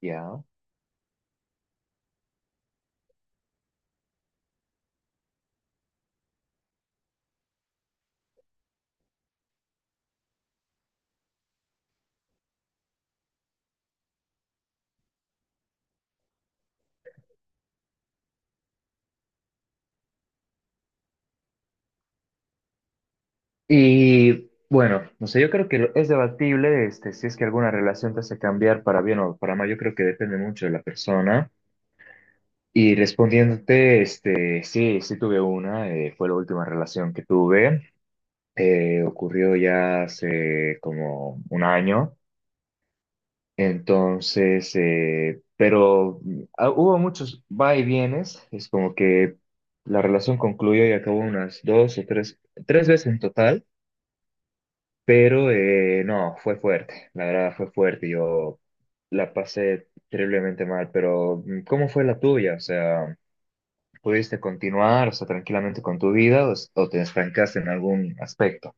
Ya. Y bueno, no sé, yo creo que es debatible si es que alguna relación te hace cambiar para bien o para mal. Yo creo que depende mucho de la persona. Y respondiéndote, sí, sí tuve fue la última relación que tuve. Ocurrió ya hace como un año. Entonces, pero hubo muchos va y vienes. Es como que la relación concluyó y acabó unas dos o tres veces en total. Pero no, fue fuerte, la verdad fue fuerte, yo la pasé terriblemente mal, pero ¿cómo fue la tuya? O sea, ¿pudiste continuar, o sea, tranquilamente con tu vida o, o te estancaste en algún aspecto?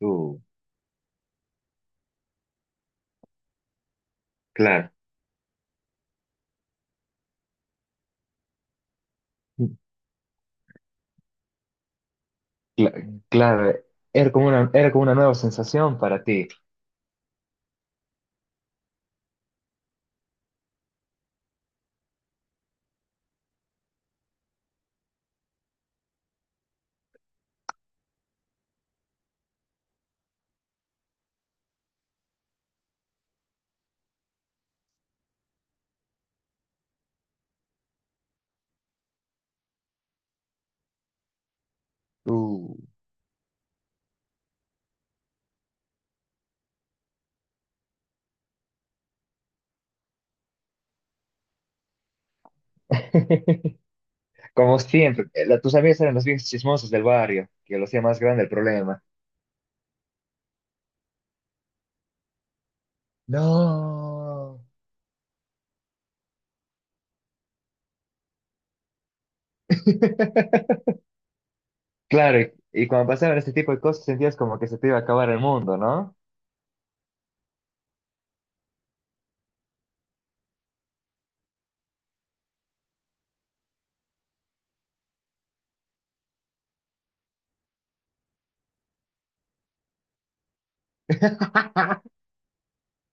Tú, claro, claro, era como una nueva sensación para ti. Tú, como siempre, tus amigas eran los viejos chismosos del barrio, que lo hacía más grande el problema. No. Claro, y cuando pasaban este tipo de cosas sentías como que se te iba a acabar el mundo, ¿no?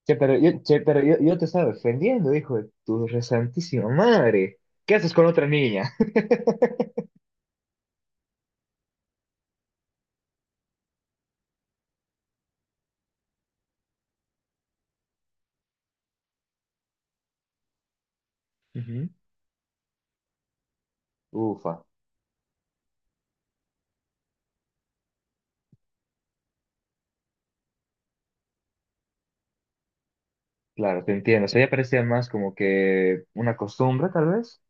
Che, pero yo, te estaba defendiendo, hijo de tu resantísima madre. ¿Qué haces con otra niña? Ujú. Ufa, claro, te entiendo. O sea, ya parecía más como que una costumbre, tal vez.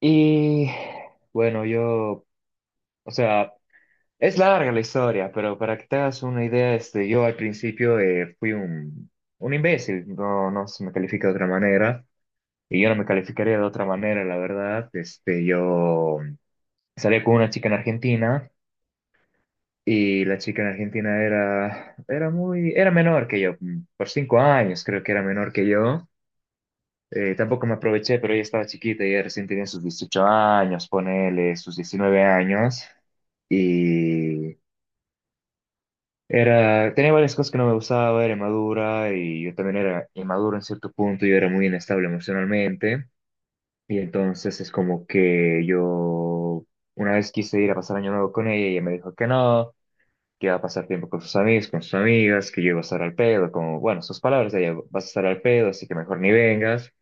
Y bueno, yo, o sea, es larga la historia, pero para que te hagas una idea, yo al principio fui un imbécil, no, no se me califica de otra manera. Y yo no me calificaría de otra manera, la verdad. Yo salí con una chica en Argentina y la chica en Argentina era menor que yo, por 5 años creo que era menor que yo. Tampoco me aproveché, pero ella estaba chiquita, ella recién tenía sus 18 años, ponele sus 19 años. Y tenía varias cosas que no me gustaba, era inmadura y yo también era inmaduro en cierto punto, yo era muy inestable emocionalmente. Y entonces es como que yo una vez quise ir a pasar año nuevo con ella y ella me dijo que no, que iba a pasar tiempo con sus amigos, con sus amigas, que yo iba a estar al pedo, como, bueno, sus palabras, de ella, vas a estar al pedo, así que mejor ni vengas.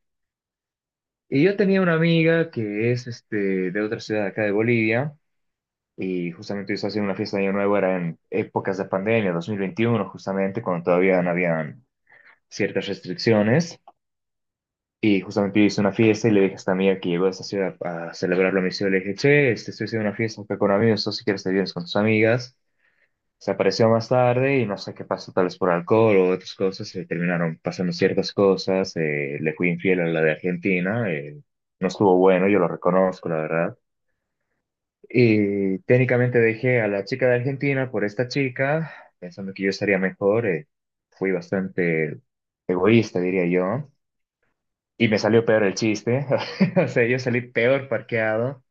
Y yo tenía una amiga que es de otra ciudad acá de Bolivia y justamente yo estaba haciendo una fiesta de año nuevo, era en épocas de pandemia, 2021 justamente, cuando todavía no habían ciertas restricciones. Y justamente yo hice una fiesta y le dije a esta amiga que llegó a esta ciudad a celebrar la misión. Le dije, che, estoy haciendo una fiesta acá con amigos, tú si quieres te vienes con tus amigas. Se apareció más tarde y no sé qué pasó, tal vez por alcohol o otras cosas, se terminaron pasando ciertas cosas. Le fui infiel a la de Argentina, no estuvo bueno, yo lo reconozco, la verdad. Y técnicamente dejé a la chica de Argentina por esta chica, pensando que yo estaría mejor. Fui bastante egoísta, diría yo. Y me salió peor el chiste. O sea, yo salí peor parqueado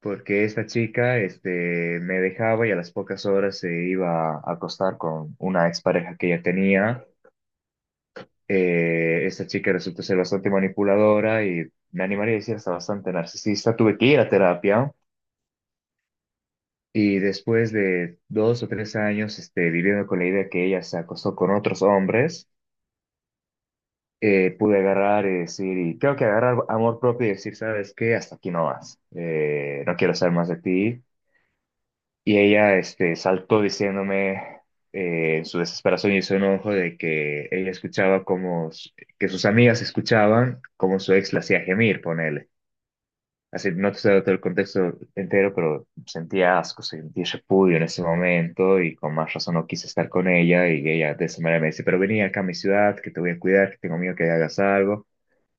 porque esta chica, me dejaba y a las pocas horas se iba a acostar con una expareja que ella tenía. Esta chica resultó ser bastante manipuladora y me animaría a decir hasta bastante narcisista. Tuve que ir a terapia y después de 2 o 3 años, viviendo con la idea que ella se acostó con otros hombres, pude agarrar y decir, y creo que agarrar amor propio y decir, ¿sabes qué? Hasta aquí no más. No quiero saber más de ti. Y ella, saltó diciéndome en su desesperación y su enojo de que ella escuchaba que sus amigas escuchaban como su ex la hacía gemir, ponele. Así, no te estoy dando todo el contexto entero, pero sentía asco, sentí repudio en ese momento y con más razón no quise estar con ella y ella de esa manera me dice, pero vení acá a mi ciudad, que te voy a cuidar, que tengo miedo que hagas algo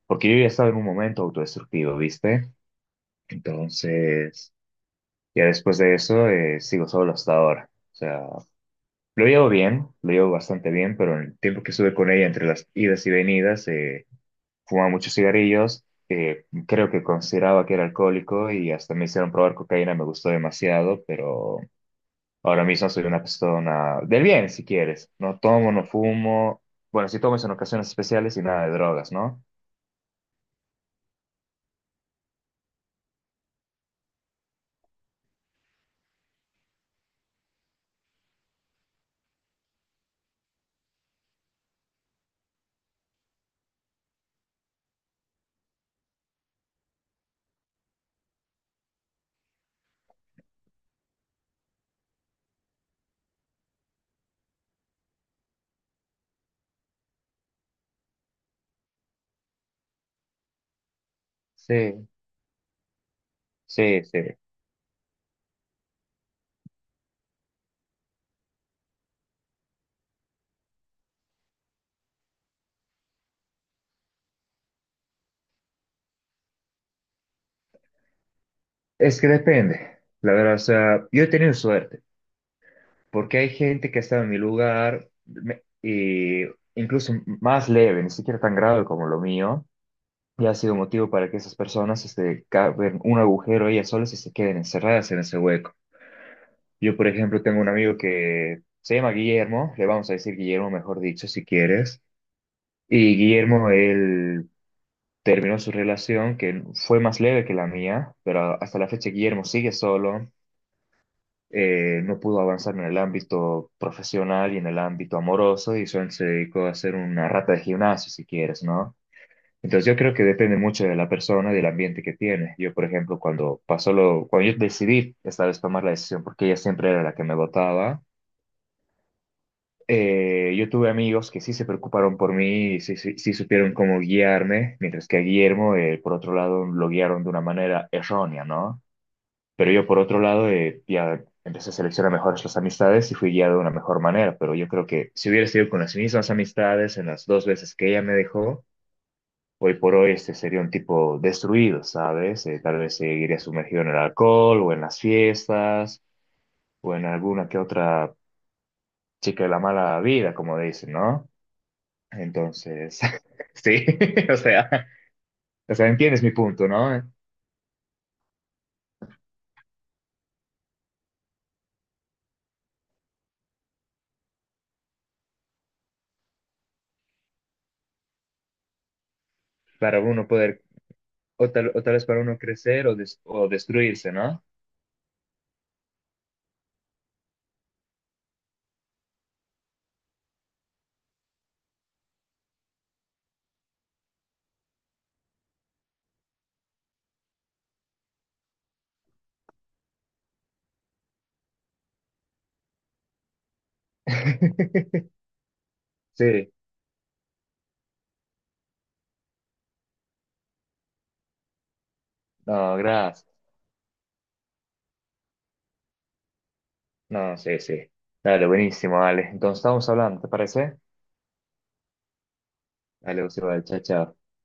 porque yo ya estaba en un momento autodestructivo, ¿viste? Entonces, ya después de eso, sigo solo hasta ahora. O sea, lo llevo bien, lo llevo bastante bien, pero en el tiempo que estuve con ella, entre las idas y venidas, fumaba muchos cigarrillos, creo que consideraba que era alcohólico y hasta me hicieron probar cocaína, me gustó demasiado, pero ahora mismo soy una persona del bien, si quieres. No tomo, no fumo, bueno, sí tomo es en ocasiones especiales y nada de drogas, ¿no? Sí, sí, sí. Es que depende, la verdad, o sea, yo he tenido suerte, porque hay gente que ha estado en mi lugar, y incluso más leve, ni siquiera tan grave como lo mío, y ha sido motivo para que esas personas caben un agujero ellas solas y se queden encerradas en ese hueco. Yo, por ejemplo, tengo un amigo que se llama Guillermo, le vamos a decir Guillermo, mejor dicho, si quieres, y Guillermo, él terminó su relación, que fue más leve que la mía, pero hasta la fecha Guillermo sigue solo, no pudo avanzar en el ámbito profesional y en el ámbito amoroso y solo se dedicó a ser una rata de gimnasio, si quieres, ¿no? Entonces yo creo que depende mucho de la persona y del ambiente que tiene. Yo, por ejemplo, cuando pasó lo, cuando yo decidí esta vez tomar la decisión, porque ella siempre era la que me votaba, yo tuve amigos que sí se preocuparon por mí y sí, sí supieron cómo guiarme, mientras que a Guillermo, por otro lado, lo guiaron de una manera errónea, ¿no? Pero yo, por otro lado, ya empecé a seleccionar mejor las amistades y fui guiado de una mejor manera. Pero yo creo que si hubiera sido con las mismas amistades en las dos veces que ella me dejó, hoy por hoy este sería un tipo destruido, ¿sabes? Tal vez seguiría sumergido en el alcohol o en las fiestas o en alguna que otra chica de la mala vida, como dicen, ¿no? Entonces, sí, o sea, o sea, ¿entiendes mi punto, ¿no? Para uno poder, o tal vez para uno crecer o destruirse, ¿no? Sí, no, gracias. No, sí, sí. Dale, buenísimo, dale. Entonces estamos hablando, ¿te parece? Dale, José, chao, chao.